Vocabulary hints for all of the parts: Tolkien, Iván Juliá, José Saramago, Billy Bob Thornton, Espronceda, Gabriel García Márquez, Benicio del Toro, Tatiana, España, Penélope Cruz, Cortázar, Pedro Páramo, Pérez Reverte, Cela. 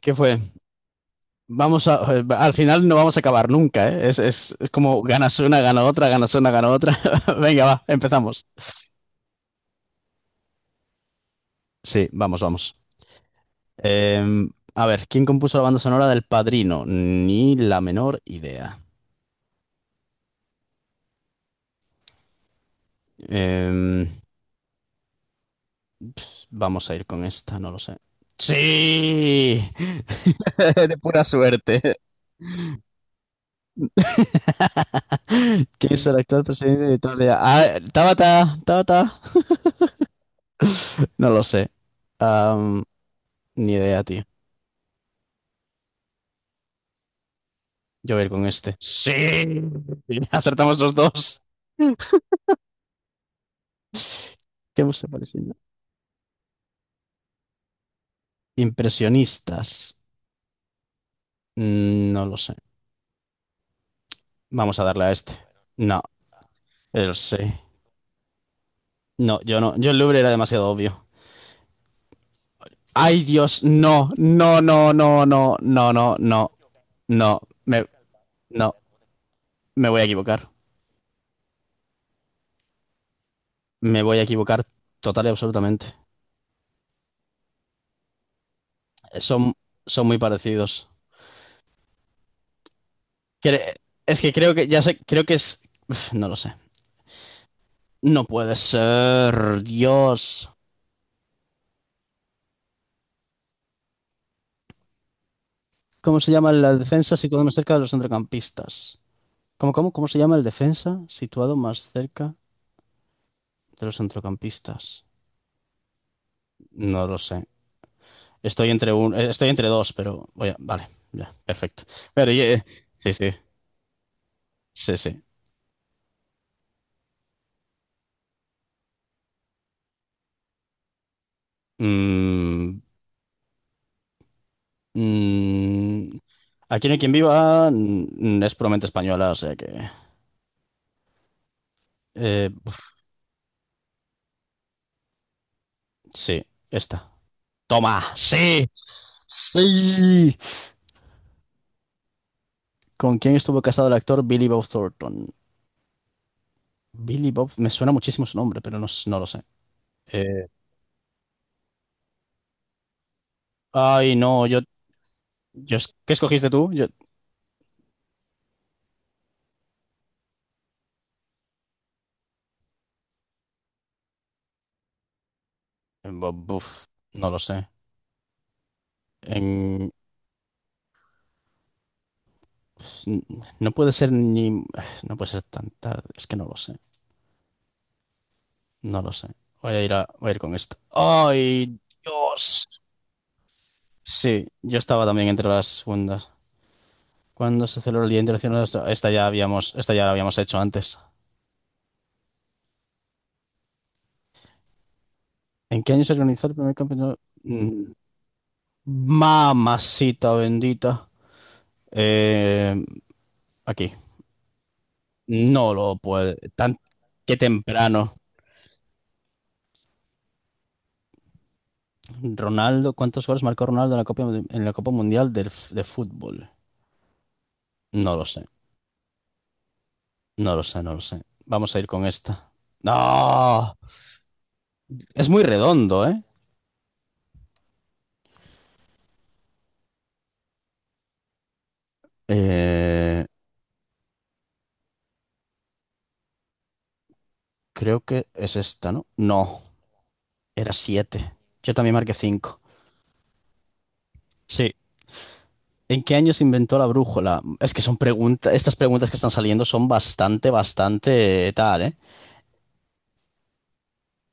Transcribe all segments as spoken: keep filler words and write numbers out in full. ¿Qué fue? Vamos a, eh, al final no vamos a acabar nunca, ¿eh? Es, es, es como ganas una, gana otra, ganas una, gana otra. Venga, va, empezamos. Sí, vamos, vamos. Em, a ver, ¿quién compuso la banda sonora del Padrino? Ni la menor idea. Em, pf, Vamos a ir con esta, no lo sé. Sí, de pura suerte. ¿Quién es el actual presidente de Italia? Ah, Tabata, Tabata. No lo sé. Am, Ni idea, tío. Yo voy a ir con este. Sí. Acertamos los dos. ¿Qué hemos parecido? Impresionistas. Mm, No lo sé. Vamos a darle a este. No, el sí. No, yo no. Yo el Louvre era demasiado obvio. Ay, Dios, no, no, no, no, no, no, no, no, no. Me, no, me voy a equivocar. Me voy a equivocar total y absolutamente. Son, son muy parecidos. Cre- es que creo que, ya sé, creo que es... Uf, No lo sé. No puede ser, Dios. ¿Cómo se llama la defensa situado más cerca de los centrocampistas? ¿Cómo, cómo, cómo se llama el defensa situado más cerca de los centrocampistas? No lo sé. Estoy entre un, eh, estoy entre dos, pero voy a- vale, ya, perfecto. Pero eh, sí, sí, sí, sí. Mm, mm, Aquí no hay quien viva, mm, es puramente española, o sea que eh, uf, sí, esta. Toma, sí, sí. ¿Con quién estuvo casado el actor Billy Bob Thornton? Billy Bob, me suena muchísimo su nombre, pero no, s- no lo sé. Eh, Ay, no, yo, yo, es- ¿qué escogiste tú? Yo, bu- buf, no lo sé. En- no puede ser ni, no puede ser tan tarde, es que no lo sé, no lo sé. Voy a ir a, voy a ir con esto. Ay, Dios. Sí, yo estaba también entre las segundas. ¿Cuándo se celebró el Día Internacional de la Astro-? Esta ya habíamos, esta ya la habíamos hecho antes. ¿En qué año se organizó el primer campeonato? Mm, Mamacita bendita. Eh, Aquí. No lo puede. Tan, qué temprano. Ronaldo, ¿cuántos goles marcó Ronaldo en la Copa, en la Copa Mundial del f- de Fútbol? No lo sé. No lo sé, no lo sé. Vamos a ir con esta. ¡No! Es muy redondo, ¿eh? Eh, Creo que es esta, ¿no? No, era siete. Yo también marqué cinco. Sí. ¿En qué año se inventó la brújula? Es que son preguntas, estas preguntas que están saliendo son bastante, bastante tal, ¿eh?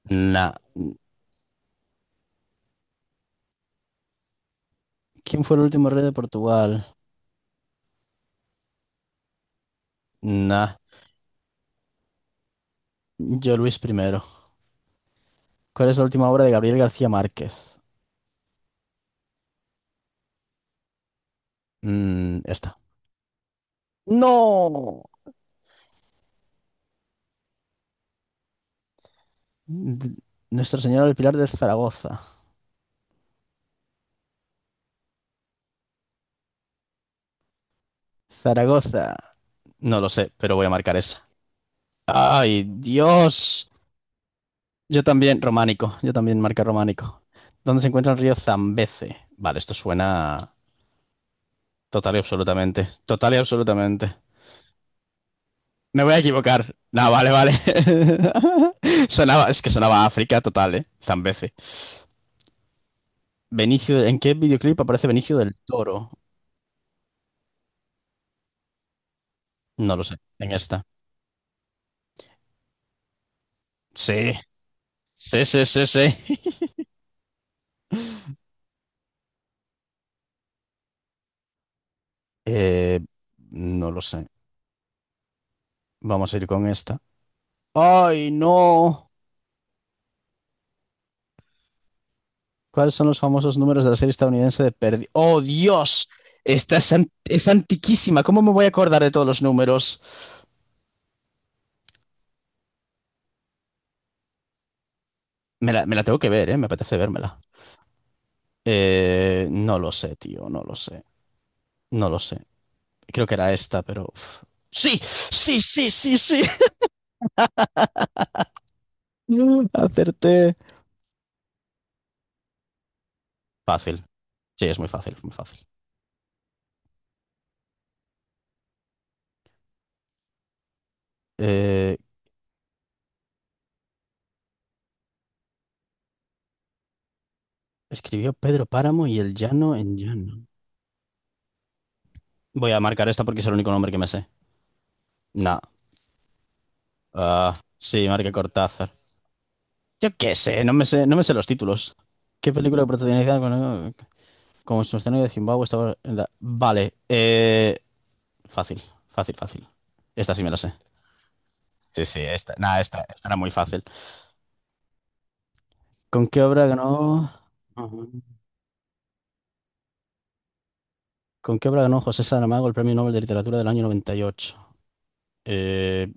Nah. ¿Quién fue el último rey de Portugal? Nah. Yo Luis primero. ¿Cuál es la última obra de Gabriel García Márquez? Mm, esta. ¡No! D- Nuestra Señora del Pilar de Zaragoza. Zaragoza. No lo sé, pero voy a marcar esa. ¡Ay, Dios! Yo también, románico. Yo también marca románico. ¿Dónde se encuentra el río Zambeze? Vale, esto suena total y absolutamente. Total y absolutamente. Me voy a equivocar. No, vale, vale. Sonaba, es que sonaba a África total, ¿eh? Zambeze. Benicio, ¿en qué videoclip aparece Benicio del Toro? No lo sé, en esta. Sí, sí, sí, sí, sí. Eh, no lo sé. Vamos a ir con esta. ¡Ay, no! ¿Cuáles son los famosos números de la serie estadounidense de Perdidos? ¡Oh, Dios! Esta es, an- es antiquísima. ¿Cómo me voy a acordar de todos los números? Me la, me la tengo que ver, ¿eh? Me apetece vérmela. Eh, no lo sé, tío, no lo sé. No lo sé. Creo que era esta, pero... uf. ¡Sí! ¡Sí, sí, sí, sí! Acerté. Fácil. Sí, es muy fácil, es muy fácil. Eh, Escribió Pedro Páramo y el llano en llano. Voy a marcar esta porque es el único nombre que me sé. No. Ah, sí, marqué Cortázar. Yo qué sé, no me sé, no me sé los títulos. ¿Qué película protagonizada con- como escenario de Zimbabue estaba en la- vale, eh, fácil, fácil, fácil. Esta sí me la sé. Sí, sí, esta, nada, esta, esta era muy fácil. ¿Con qué obra ganó? Ujú. ¿Con qué obra ganó José Saramago el Premio Nobel de Literatura del año noventa y ocho? Eh,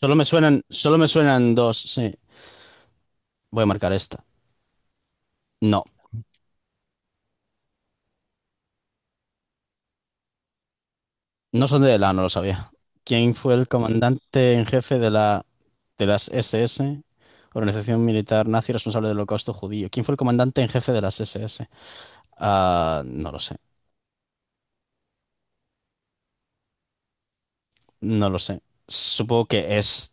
Solo me suenan, solo me suenan dos, sí. Voy a marcar esta. No, no son de la, no lo sabía. ¿Quién fue el comandante en jefe de la de las S S, organización militar nazi responsable del Holocausto judío? ¿Quién fue el comandante en jefe de las S S? Ah, no lo sé, no lo sé. Supongo que este.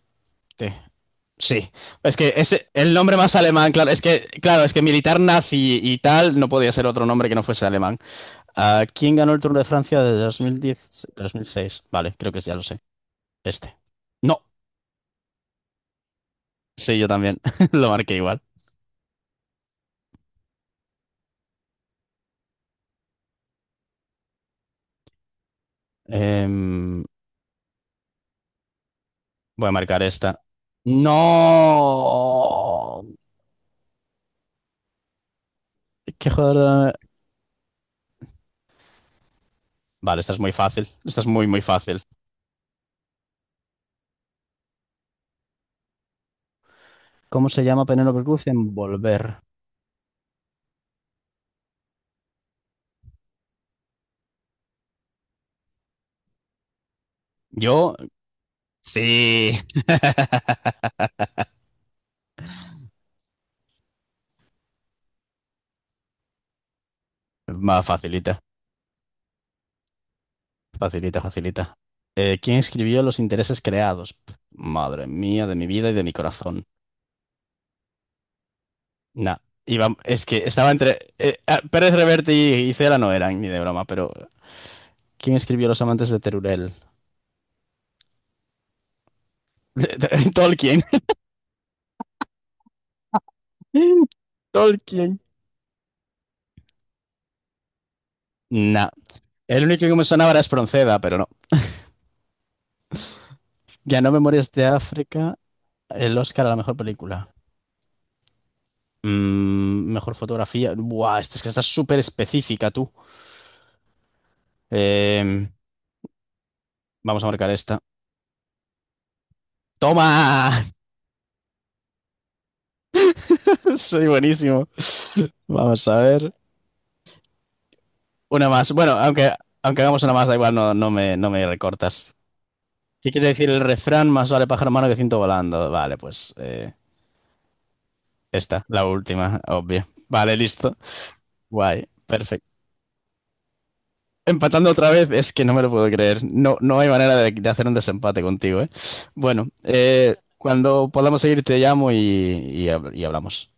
Sí, es que es el nombre más alemán, claro, es que claro, es que militar nazi y tal no podía ser otro nombre que no fuese alemán. ¿A quién ganó el Tour de Francia de dos dos mil diez, dos mil seis? Vale, creo que ya lo sé. Este. No, sí, yo también. Lo marqué igual. Em, Voy a marcar esta. ¡No! ¿Qué jugador? de- Vale, esta es muy fácil. Esta es muy, muy fácil. ¿Cómo se llama Penélope Cruz en Volver? Yo, sí. Más facilita, facilita, facilita. Eh, ¿quién escribió Los intereses creados? Pf, Madre mía, de mi vida y de mi corazón. Nah. Iba- es que estaba entre. eh, ah, Pérez Reverte y, y, Cela no eran ni de broma, pero. ¿Quién escribió Los amantes de Terurel? De- de- Tolkien. Tolkien. Nah. El único que me sonaba era Espronceda, pero no. Ya no Memorias de África, el Oscar a la mejor película. Mm, mejor fotografía. Buah, esta es que está súper específica, tú. Eh, Vamos a marcar esta. ¡Toma! Soy buenísimo. Vamos a ver. Una más. Bueno, aunque, aunque hagamos una más, da igual, no, no me, no me recortas. ¿Qué quiere decir el refrán? Más vale pájaro malo que ciento volando. Vale, pues eh, esta, la última, obvio. Vale, listo. Guay, perfecto. Empatando otra vez, es que no me lo puedo creer. No, no hay manera de, de hacer un desempate contigo, ¿eh? Bueno, eh, cuando podamos seguir te llamo y, y hab- y hablamos.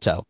Chao.